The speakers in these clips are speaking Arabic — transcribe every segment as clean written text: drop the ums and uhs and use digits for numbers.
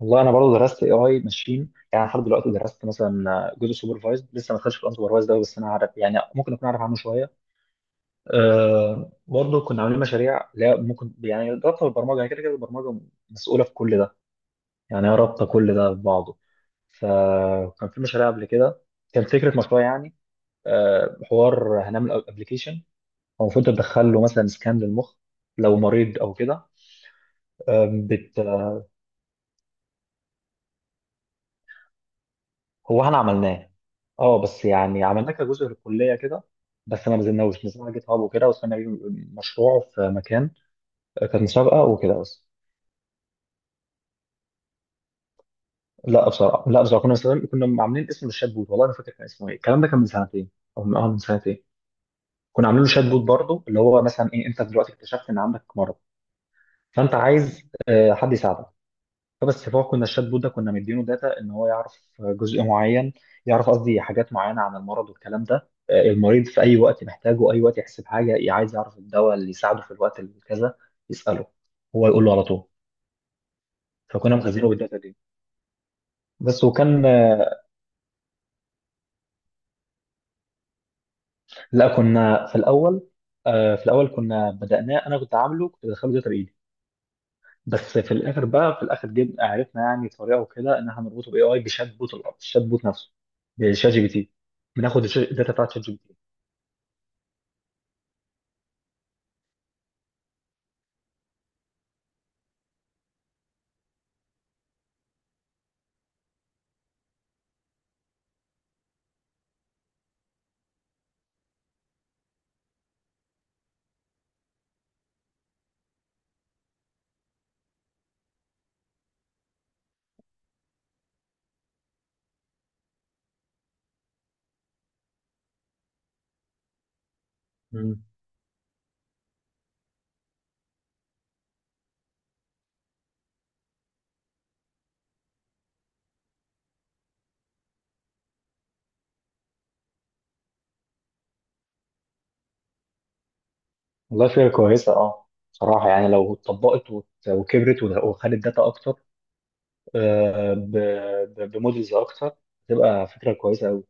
والله انا برضه درست اي اي ماشين، يعني لحد دلوقتي درست مثلا جزء سوبرفايزد، لسه ما دخلتش في الانسوبرفايزد قوي، بس انا عارف، يعني ممكن اكون عارف عنه شويه. أه، برضه كنا عاملين مشاريع، لا ممكن يعني رابطه بالبرمجه، يعني كده البرمجه مسؤوله في كل ده، يعني هي رابطه كل ده ببعضه. فكان في مشاريع قبل كده، كان فكره مشروع يعني. أه، حوار هنعمل ابلكيشن، هو المفروض تدخل له مثلا سكان للمخ لو مريض او كده. هو احنا عملناه، اه بس يعني عملناه كجزء للكليه كده، بس ما نزلناش، نزلنا جيت هاب وكده وصلنا بيه، مشروع في مكان. آه، كانت مسابقه وكده بس. لا بصراحه، لا بصراحه، كنا عاملين اسم للشات بوت، والله ما فاكر كان اسمه ايه، الكلام ده كان من سنتين او من سنتين. كنا عاملين له شات بوت برضه، اللي هو مثلا ايه، انت دلوقتي اكتشفت ان عندك مرض، فانت عايز، آه، حد يساعدك. فهو كنا الشات بوت ده كنا مدينه داتا ان هو يعرف جزء معين، يعرف قصدي حاجات معينه عن المرض والكلام ده. آه، المريض في اي وقت محتاجه، اي وقت يحسب حاجه، عايز يعرف الدواء اللي يساعده في الوقت الكذا، يساله، هو يقول له على طول. فكنا مخزينه بالداتا دي بس، وكان آه، لا كنا في الاول، آه، في الاول كنا بدأناه، انا كنت عامله، كنت بدخله داتا بايدي، بس في الاخر بقى، في الاخر جبنا عرفنا يعني طريقه وكده ان احنا نربطه باي اي، بشات بوت الأرض، الشات بوت نفسه، بشات جي بي تي. بناخد الداتا بتاعت شات جي بي تي. مم. والله فكرة كويسة، اه صراحة، يعني لو اتطبقت وكبرت وخدت داتا أكتر، آه، بمودلز أكتر، تبقى فكرة كويسة أوي.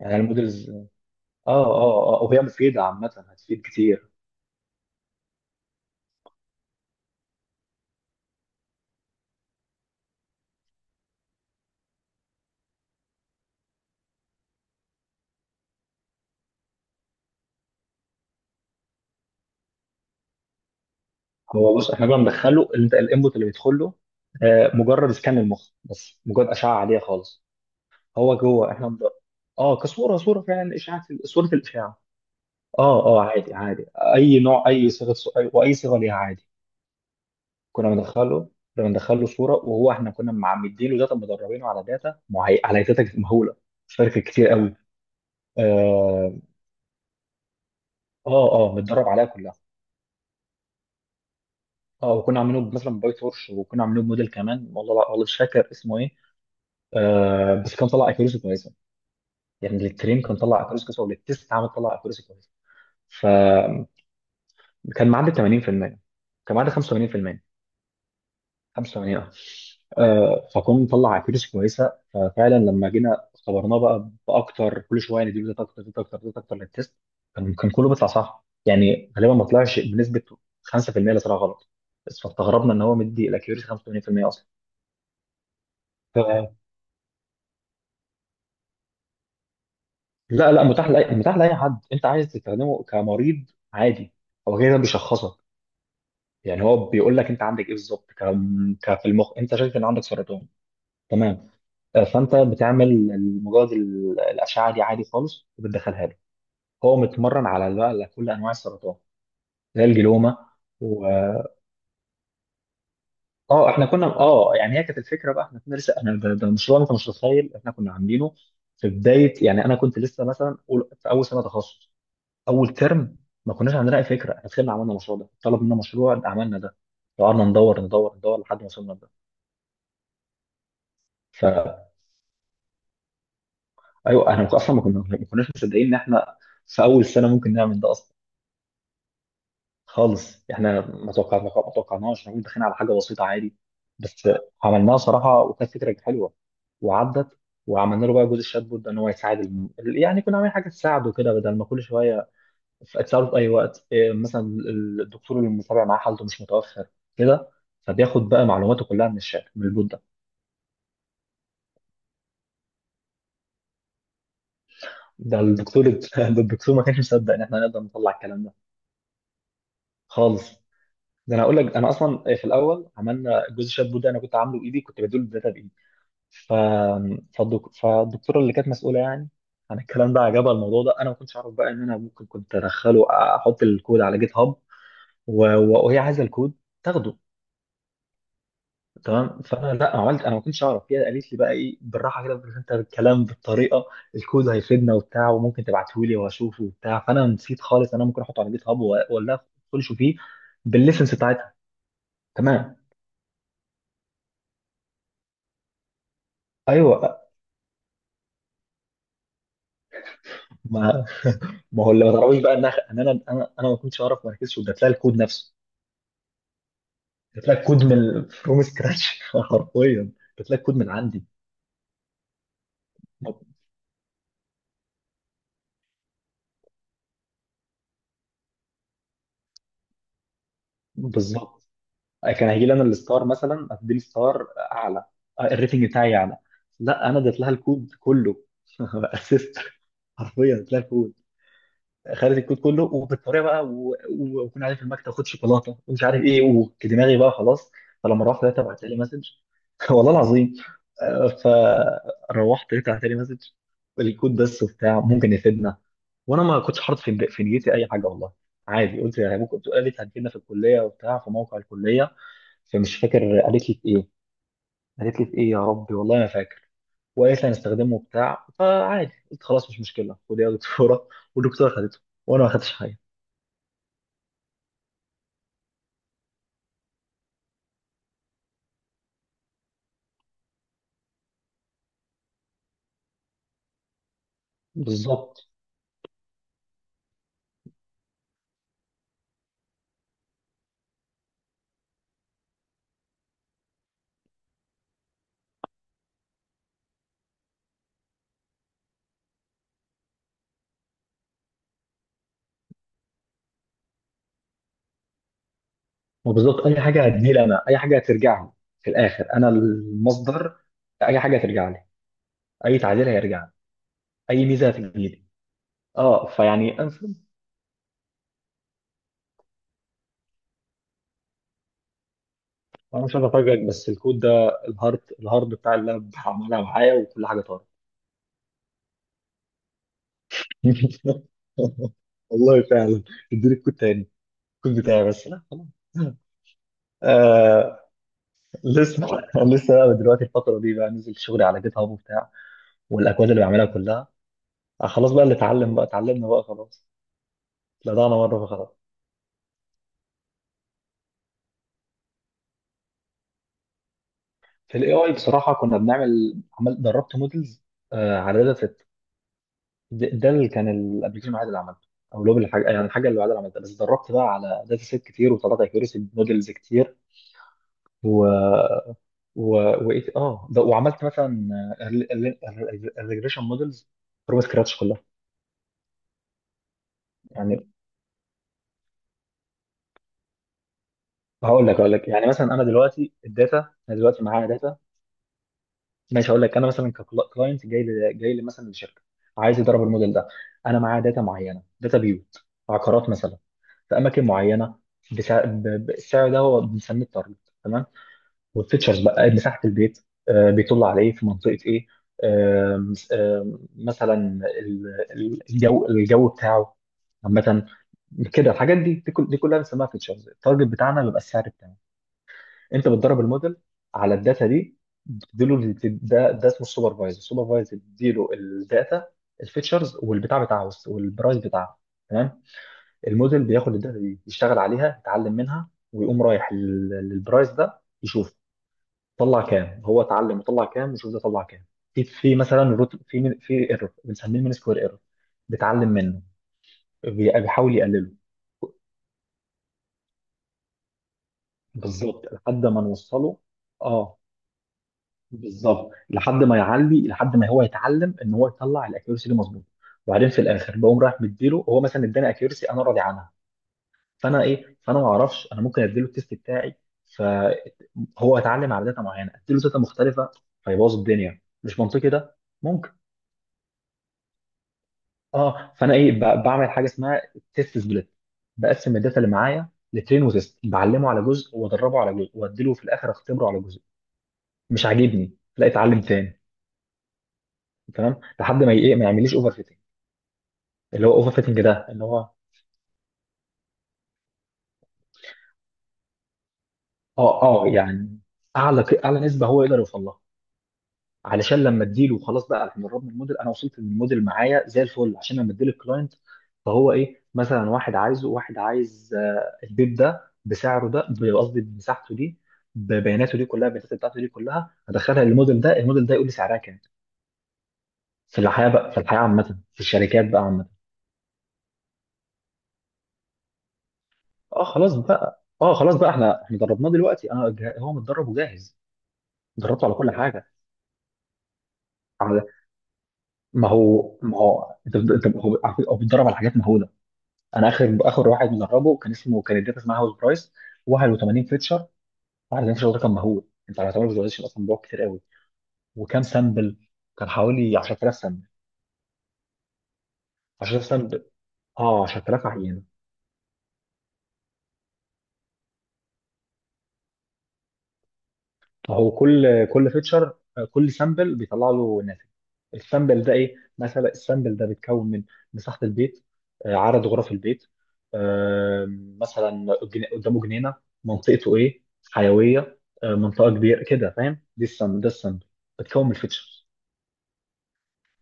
يعني المودلز اه. اه وهي مفيدة عامة، هتفيد كتير. هو بص، احنا بقى بندخله، اللي انت الانبوت اللي بيدخل له، آه، مجرد سكان المخ، بس مجرد أشعة عادية خالص. هو جوه اه كصورة، صورة فعلا إشعة، صورة الإشعة. اه عادي، عادي. أي نوع، أي صيغة سؤال وأي صيغة ليها عادي. كنا بندخله، كنا بندخله صوره، وهو احنا كنا معمدين له داتا، مدربينه على داتا على داتا مهوله، مش فاكر كتير قوي. اه اه، آه، متدرب عليها كلها. اه، وكنا عاملينه مثلا باي تورش، وكنا عاملينه بموديل كمان، والله مش فاكر اسمه ايه. آه، بس كان طلع اكيوريسي كويسه، يعني للترين كان طلع اكيوريسي كويسه، وللتست عمل طلع اكيوريسي كويسه. فكان معدل 80%، كان معدل 85%، 85 اه. آه، فكنا نطلع اكيوريسي كويسه، ففعلا لما جينا اختبرناه بقى، باكتر كل شويه نديله داتا اكتر، داتا اكتر، داتا اكتر للتيست، كان كله بيطلع صح، يعني غالبا ما طلعش بنسبه 5% اللي طلع غلط. بس فاستغربنا ان هو مدي الاكيوريسي 85% اصلا. ف- لا لا، متاح لأي، متاح لأي حد أنت عايز تستخدمه، كمريض عادي. هو كده بيشخصك، يعني هو بيقول لك أنت عندك إيه بالظبط، ك في المخ أنت شايف إن عندك سرطان. تمام. آه، فانت بتعمل مجرد الاشعه دي عادي خالص، وبتدخلها له. هو متمرن على بقى على كل انواع السرطان، زي الجلوما و... اه احنا كنا، اه يعني هي كانت الفكره بقى، احنا كنا لسه، احنا ده مشروع، انت مش متخيل احنا كنا عاملينه في بدايه، يعني انا كنت لسه مثلا في اول سنه تخصص، اول ترم، ما كناش عندنا اي فكره، احنا دخلنا عملنا المشروع ده، طلب منا مشروع عملنا ده، قعدنا ندور لحد ما وصلنا لده. فايوه، احنا اصلا ما كناش مصدقين ان احنا في اول سنه ممكن نعمل ده اصلا خالص. احنا ما توقعنا، ما توقعناش، احنا كنا داخلين على حاجه بسيطه عادي بس، عملناها صراحه وكانت فكره حلوه وعدت. وعملنا له بقى جزء الشات بوت ده ان هو يساعد يعني كنا عاملين حاجه تساعده كده، بدل ما كل شويه، تساعده في اي وقت إيه، مثلا الدكتور اللي متابع معاه حالته مش متوفر كده، فبياخد بقى معلوماته كلها من الشات، من البوت ده. ده الدكتور ده الدكتور ما كانش مصدق ان احنا نقدر نطلع الكلام ده خالص. ده انا اقول لك، انا اصلا في الاول عملنا جزء الشات بوت ده، انا كنت عامله بايدي، كنت بديله الداتا بايدي. ف... فالدكتوره اللي كانت مسؤوله يعني عن الكلام ده عجبها الموضوع ده. انا ما كنتش اعرف بقى ان انا ممكن كنت ادخله، احط الكود على جيت هاب، وهي عايزه الكود تاخده. تمام، فانا لا، ما عملت، انا ما كنتش اعرف، هي قالت لي بقى ايه بالراحه كده، بس انت الكلام بالطريقه، الكود هيفيدنا وبتاع، وممكن تبعته لي واشوفه وبتاع، فانا نسيت خالص انا ممكن احطه على جيت هاب ولا ادخلش فيه بالليسنس بتاعتها. تمام، ايوه. ما ما هو اللي ما تعرفوش بقى ان انا ما كنتش اعرف، ما ركزتش واديت لها الكود نفسه. جبت لك كود من فروم سكراتش حرفيا، جبت لك كود من عندي، بالظبط. كان هيجي لي انا الستار، مثلا اديله ستار اعلى، الريتنج بتاعي اعلى. لا، انا اديت لها الكود كله، اسيست، حرفيا اديت لها الكود. خدت الكود كله، وبالطريقه بقى، وكنا قاعدين في المكتب، خد شوكولاته ومش عارف ايه، ودماغي بقى خلاص. فلما روحت، لقيتها بعت لي مسج. والله العظيم. آه، فروحت لقيتها بعت لي مسج، الكود بس وبتاع ممكن يفيدنا. وانا ما كنتش حاطط في في نيتي اي حاجه والله، عادي قلت يعني ممكن تقول، قالت هتجينا في الكليه وبتاع في موقع الكليه، فمش فاكر قالت لي في ايه، قالت لي في ايه يا ربي والله ما فاكر. وقالت لي هنستخدمه وبتاع، فعادي قلت خلاص، مش مشكله، خد يا دكتوره. والدكتوره خدته، وانا ما خدتش حاجه. بالظبط، وبالظبط اي حاجه هتجيلي انا، اي حاجه هترجع لي، في الاخر انا المصدر، اي حاجه هترجع لي، اي تعديل هيرجع لي، اي ميزه هتجي لي. اه، فيعني انا فهمت. أنا مش عايز افاجئك، بس الكود ده، الهارد بتاع اللاب عملها معايا، وكل حاجه طارت. والله فعلا، اديني الكود تاني، الكود بتاعي بس، لا خلاص. آه، لسه، لسه بقى دلوقتي الفترة دي بقى نزل شغلي على جيت هاب وبتاع، والأكواد اللي بعملها كلها. آه، خلاص بقى اللي اتعلم بقى، اتعلمنا بقى خلاص، طلعنا مره فخلاص. في الاي اي بصراحه كنا بنعمل، عمل دربت مودلز على داتا سيت. ده اللي كان الابلكيشن الوحيد اللي عملته، او لوب الحاجه، يعني الحاجه اللي بعدها عملتها بس، دربت بقى على داتا سيت كتير، وطلعت اكيورسي مودلز كتير. و و وايه اه ده، وعملت مثلا الريجريشن مودلز فروم سكراتش كلها. يعني هقول لك يعني مثلا، انا دلوقتي الداتا، انا دلوقتي معايا داتا، ماشي هقول لك، انا مثلا ككلاينت جاي لي مثلا لشركه، عايز يدرب الموديل ده. انا معايا داتا معينه، داتا بيوت عقارات مثلا، في اماكن معينه، السعر ده هو بنسميه التارجت، تمام. والفيتشرز بقى، مساحه البيت، آه بيطل على ايه، في منطقه ايه، آه آه مثلا الجو بتاعه عامه كده. الحاجات دي دي كلها بنسميها فيتشرز، التارجت بتاعنا بيبقى السعر بتاعه. انت بتدرب الموديل على الداتا دي، بتديله ده اسمه السوبرفايزر، السوبرفايزر بيديله الداتا، الفيتشرز والبتاع بتاعه والبرايس بتاعه، تمام. الموديل بياخد الداتا دي، يشتغل عليها، يتعلم منها، ويقوم رايح للبرايس ده يشوف، طلع كام هو اتعلم وطلع كام، وشوف ده طلع كام. في في مثلا روت، في في ايرور بنسميه مين سكوير ايرور، بيتعلم منه، بيحاول يقلله. بالظبط لحد ما نوصله. اه، بالظبط لحد ما يعلي، لحد ما هو يتعلم ان هو يطلع الاكيورسي دي مظبوط. وبعدين في الاخر بقوم رايح مديله، هو مثلا اداني اكيورسي انا راضي عنها، فانا ايه، فانا ما اعرفش انا، ممكن اديله التيست بتاعي، فهو اتعلم على داتا معينه، اديله داتا مختلفه، فيبوظ الدنيا، مش منطقي ده، ممكن. اه، فانا ايه، بعمل حاجه اسمها تيست سبليت، بقسم الداتا اللي معايا لترين وتيست، بعلمه على جزء وادربه على جزء، واديله في الاخر اختبره على جزء، مش عاجبني لا، اتعلم تاني، تمام، لحد ما ايه، ما يعمليش اوفر، اللي هو اوفر فيتنج ده، اللي هو اه اه يعني، اعلى نسبه هو يقدر يوصل لها، علشان لما اديله خلاص بقى، احنا قربنا الموديل، انا وصلت للموديل معايا زي الفل، عشان لما اديله الكلاينت، فهو ايه، مثلا واحد عايز، آه، البيب ده بسعره ده، قصدي بمساحته دي، ببياناته دي كلها، البيانات بتاعته دي كلها، هدخلها للموديل ده، الموديل ده يقول لي سعرها كام. في الحياه بقى، في الحياه عامه، في الشركات بقى عامه. اه خلاص بقى احنا دربناه دلوقتي، انا هو متدرب وجاهز. دربته على كل حاجه. ما هو انت انت، هو على فكرة هو بيتدرب على حاجات مهوله. انا اخر واحد مدربه كان اسمه، كان الداتا اسمها هاوس برايس، 81 فيتشر، 81 فيتشر ده كان مهول، انت على تعمل فيزواليزيشن اصلا بيقعد كتير قوي. وكام سامبل؟ كان حوالي 10,000 سامبل، 10,000 سامبل، اه 10,000 يعني. هو كل فيتشر، كل سامبل بيطلع له ناتج، السامبل ده ايه، مثلا السامبل ده بيتكون من مساحه البيت، آه، عدد غرف البيت، آه، مثلا قدامه جنينه، منطقته ايه، حيويه، آه، منطقه كبيره كده، فاهم؟ دي السامبل ده، السامبل بتكون من الفيتشرز،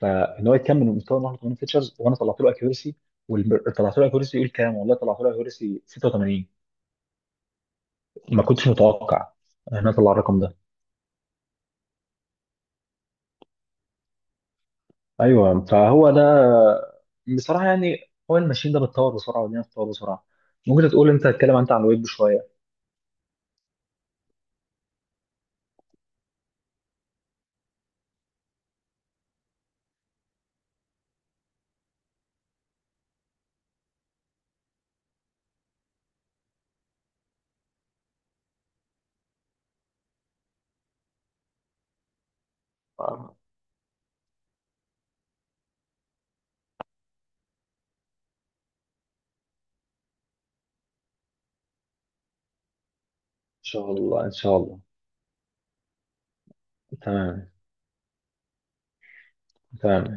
فان هو يكمل من مستوى 81 فيتشرز، وانا طلعت له اكيورسي، طلعت له اكيورسي يقول كام، والله طلعت له اكيورسي 86. ما كنتش متوقع ان انا اطلع الرقم ده. ايوه، فهو ده بصراحه. يعني هو الماشين ده بيتطور بسرعه، والدنيا بتتطور بسرعه. ممكن تقول، انت تتكلم انت عن الويب شويه. آه، ان شاء الله. تمام، تمام.